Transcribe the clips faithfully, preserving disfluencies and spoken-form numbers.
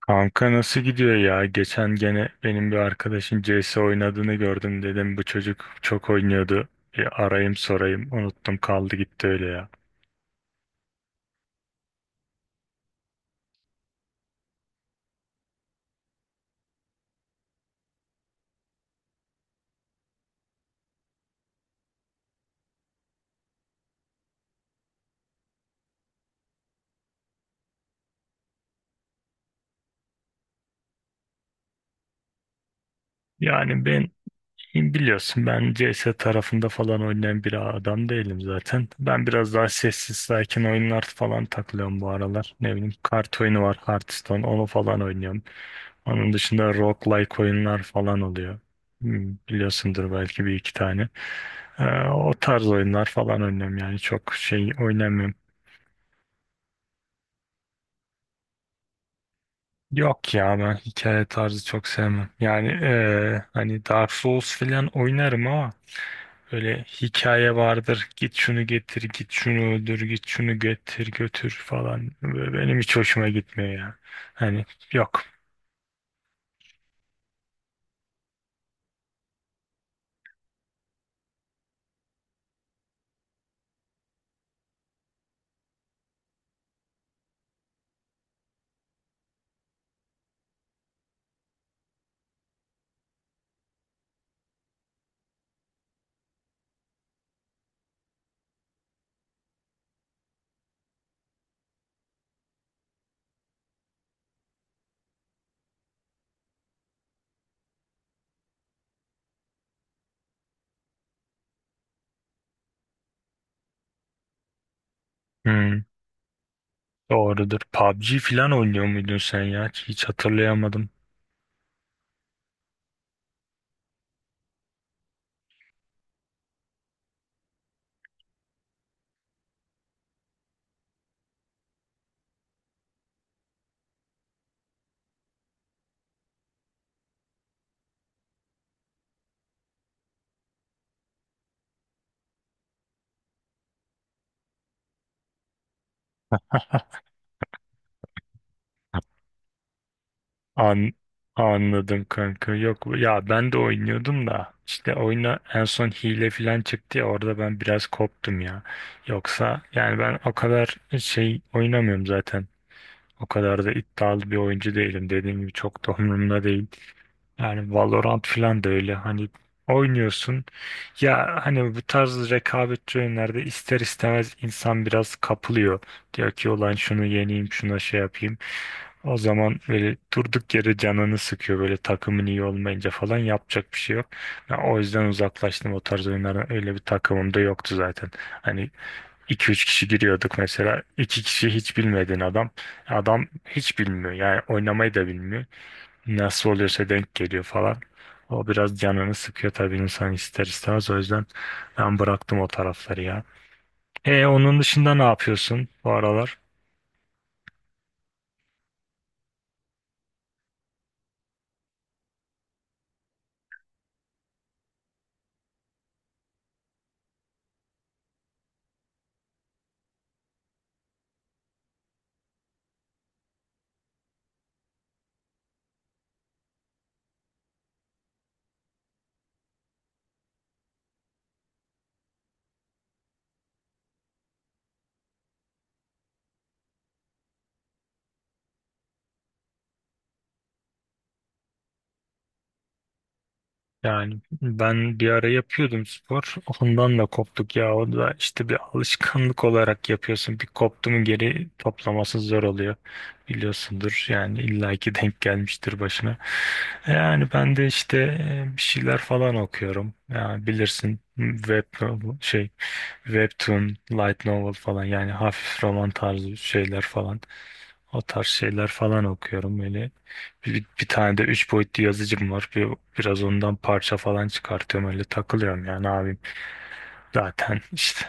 Kanka nasıl gidiyor ya? Geçen gene benim bir arkadaşın C S oynadığını gördüm dedim. Bu çocuk çok oynuyordu. Bir arayayım sorayım. Unuttum kaldı gitti öyle ya. Yani ben biliyorsun ben C S tarafında falan oynayan bir adam değilim zaten. Ben biraz daha sessiz sakin oyunlar falan takılıyorum bu aralar. Ne bileyim kart oyunu var, Hearthstone, onu falan oynuyorum. Onun dışında roguelike oyunlar falan oluyor. Hmm, biliyorsundur belki bir iki tane. Ee, o tarz oyunlar falan oynuyorum, yani çok şey oynamıyorum. Yok ya, ben hikaye tarzı çok sevmem. Yani eee, hani Dark Souls falan oynarım ama öyle hikaye vardır. Git şunu getir, git şunu öldür, git şunu getir, götür falan. Böyle benim hiç hoşuma gitmiyor ya. Hani yok. Hmm, doğrudur. P U B G falan oynuyor muydun sen ya? Hiç hatırlayamadım. An anladım kanka. Yok ya, ben de oynuyordum da işte oyuna en son hile falan çıktı ya, orada ben biraz koptum ya. Yoksa yani ben o kadar şey oynamıyorum zaten. O kadar da iddialı bir oyuncu değilim. Dediğim gibi çok da umurumda değil. Yani Valorant falan da öyle, hani oynuyorsun ya, hani bu tarz rekabetçi oyunlarda ister istemez insan biraz kapılıyor. Diyor ki ulan şunu yeneyim, şuna şey yapayım. O zaman böyle durduk yere canını sıkıyor, böyle takımın iyi olmayınca falan yapacak bir şey yok. Ben o yüzden uzaklaştım o tarz oyunlardan, öyle bir takımım da yoktu zaten. Hani iki üç kişi giriyorduk mesela, iki kişi hiç bilmediğin adam, adam hiç bilmiyor yani, oynamayı da bilmiyor, nasıl oluyorsa denk geliyor falan. O biraz canını sıkıyor tabii, insan ister istemez. O yüzden ben bıraktım o tarafları ya. E, onun dışında ne yapıyorsun bu aralar? Yani ben bir ara yapıyordum spor. Ondan da koptuk ya. O da işte bir alışkanlık olarak yapıyorsun. Bir koptu mu geri toplaması zor oluyor. Biliyorsundur yani, illaki denk gelmiştir başına. Yani ben de işte e, bir şeyler falan okuyorum. Yani bilirsin, web novel, şey, webtoon, light novel falan, yani hafif roman tarzı şeyler falan. O tarz şeyler falan okuyorum öyle. Bir, bir bir tane de üç boyutlu yazıcım var. Bir, biraz ondan parça falan çıkartıyorum, öyle takılıyorum yani abim. Zaten işte.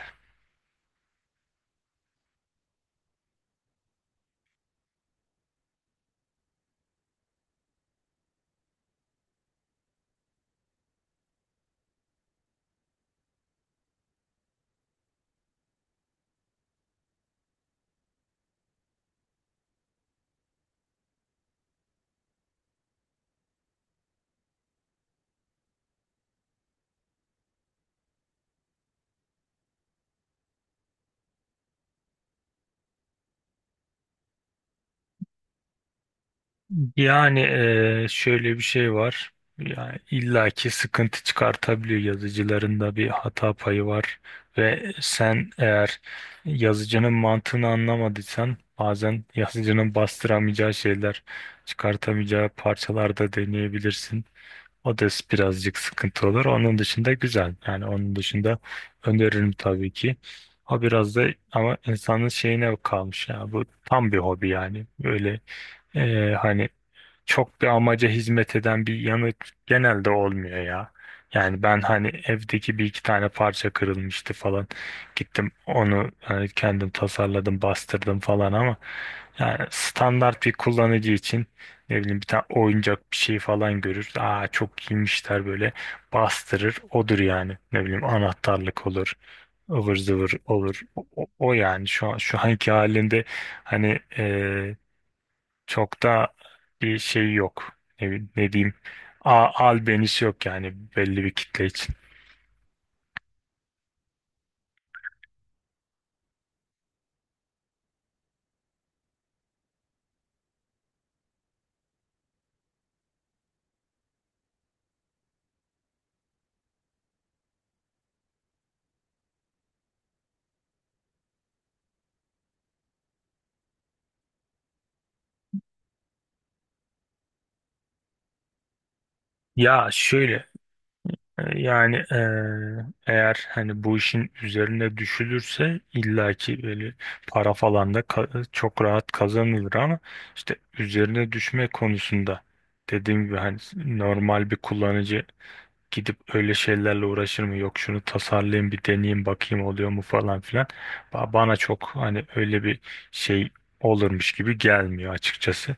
Yani eee, şöyle bir şey var. Yani illaki sıkıntı çıkartabiliyor, yazıcılarında bir hata payı var ve sen eğer yazıcının mantığını anlamadıysan bazen yazıcının bastıramayacağı şeyler, çıkartamayacağı parçalarda deneyebilirsin. O da birazcık sıkıntı olur. Onun dışında güzel. Yani onun dışında öneririm tabii ki. O biraz da ama insanın şeyine kalmış ya. Bu tam bir hobi yani. Böyle eee, hani çok bir amaca hizmet eden bir yemek genelde olmuyor ya. Yani ben hani evdeki bir iki tane parça kırılmıştı falan. Gittim onu hani kendim tasarladım, bastırdım falan ama yani standart bir kullanıcı için ne bileyim bir tane oyuncak bir şey falan görür. Aa, çok iyiymişler böyle, bastırır. Odur yani. Ne bileyim, anahtarlık olur, ıvır zıvır olur. O, o- o yani şu an şu anki halinde hani e, çok da bir şey yok. Ne, bi- ne diyeyim? A, albenisi yok yani, belli bir kitle için. Ya şöyle, e, yani, e, eğer hani bu işin üzerine düşülürse illaki böyle para falan da ka- çok rahat kazanılır ama işte üzerine düşme konusunda, dediğim gibi hani normal bir kullanıcı gidip öyle şeylerle uğraşır mı, yok şunu tasarlayayım bir deneyeyim bakayım oluyor mu falan filan. Ba- bana çok hani öyle bir şey olurmuş gibi gelmiyor açıkçası.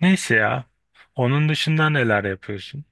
Neyse ya, onun dışında neler yapıyorsun?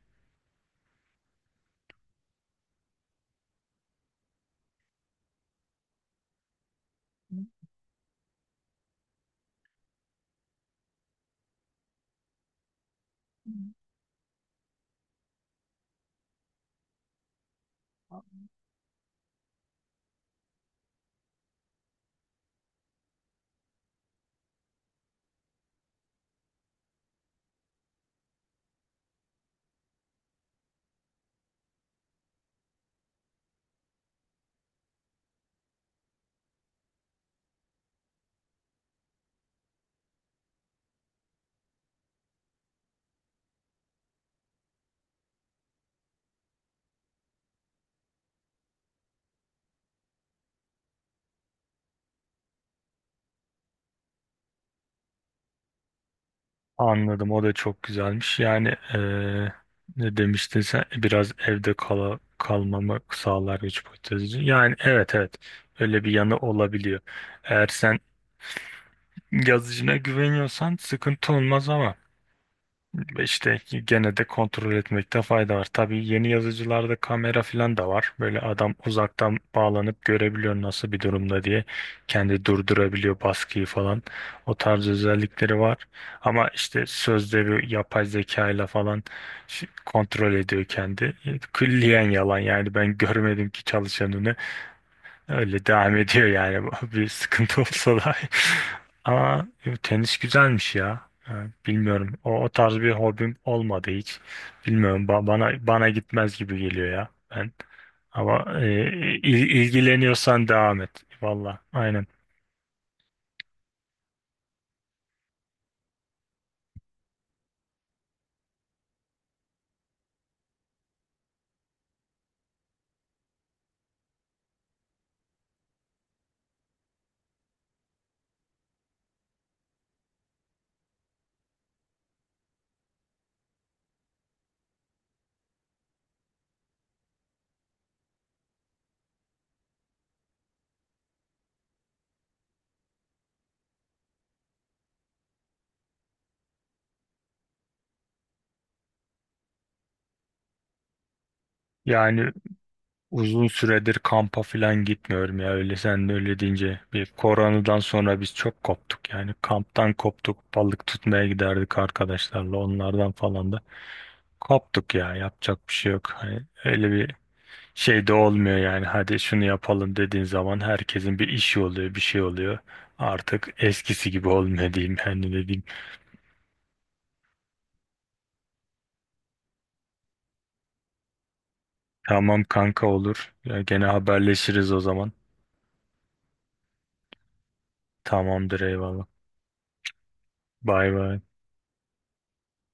Anladım, o da çok güzelmiş yani. eee, Ne demiştin sen? Biraz evde kala, kalmamı sağlar güç hipotezi yani. Evet evet, öyle bir yanı olabiliyor. Eğer sen yazıcına güveniyorsan sıkıntı olmaz ama İşte gene de kontrol etmekte fayda var. Tabii yeni yazıcılarda kamera falan da var. Böyle adam uzaktan bağlanıp görebiliyor nasıl bir durumda diye. Kendi durdurabiliyor baskıyı falan. O tarz özellikleri var. Ama işte sözde bir yapay zeka ile falan şi- kontrol ediyor kendi. Külliyen yalan yani, ben görmedim ki çalışanını. Öyle devam ediyor yani bir sıkıntı olsa da. Ama yo, tenis güzelmiş ya. Yani bilmiyorum, O, o tarz bir hobim olmadı hiç. Bilmiyorum. Ba- bana bana gitmez gibi geliyor ya. Ben ama e, il- ilgileniyorsan devam et. Valla. Aynen. Yani uzun süredir kampa falan gitmiyorum ya, öyle sen de öyle deyince, bir koronadan sonra biz çok koptuk yani, kamptan koptuk, balık tutmaya giderdik arkadaşlarla, onlardan falan da koptuk ya, yapacak bir şey yok. Hani öyle bir şey de olmuyor yani, hadi şunu yapalım dediğin zaman herkesin bir işi oluyor, bir şey oluyor. Artık eskisi gibi olmuyor diyeyim yani, ne diyeyim. Tamam kanka, olur. Ya gene haberleşiriz o zaman. Tamamdır, eyvallah. Bay bay.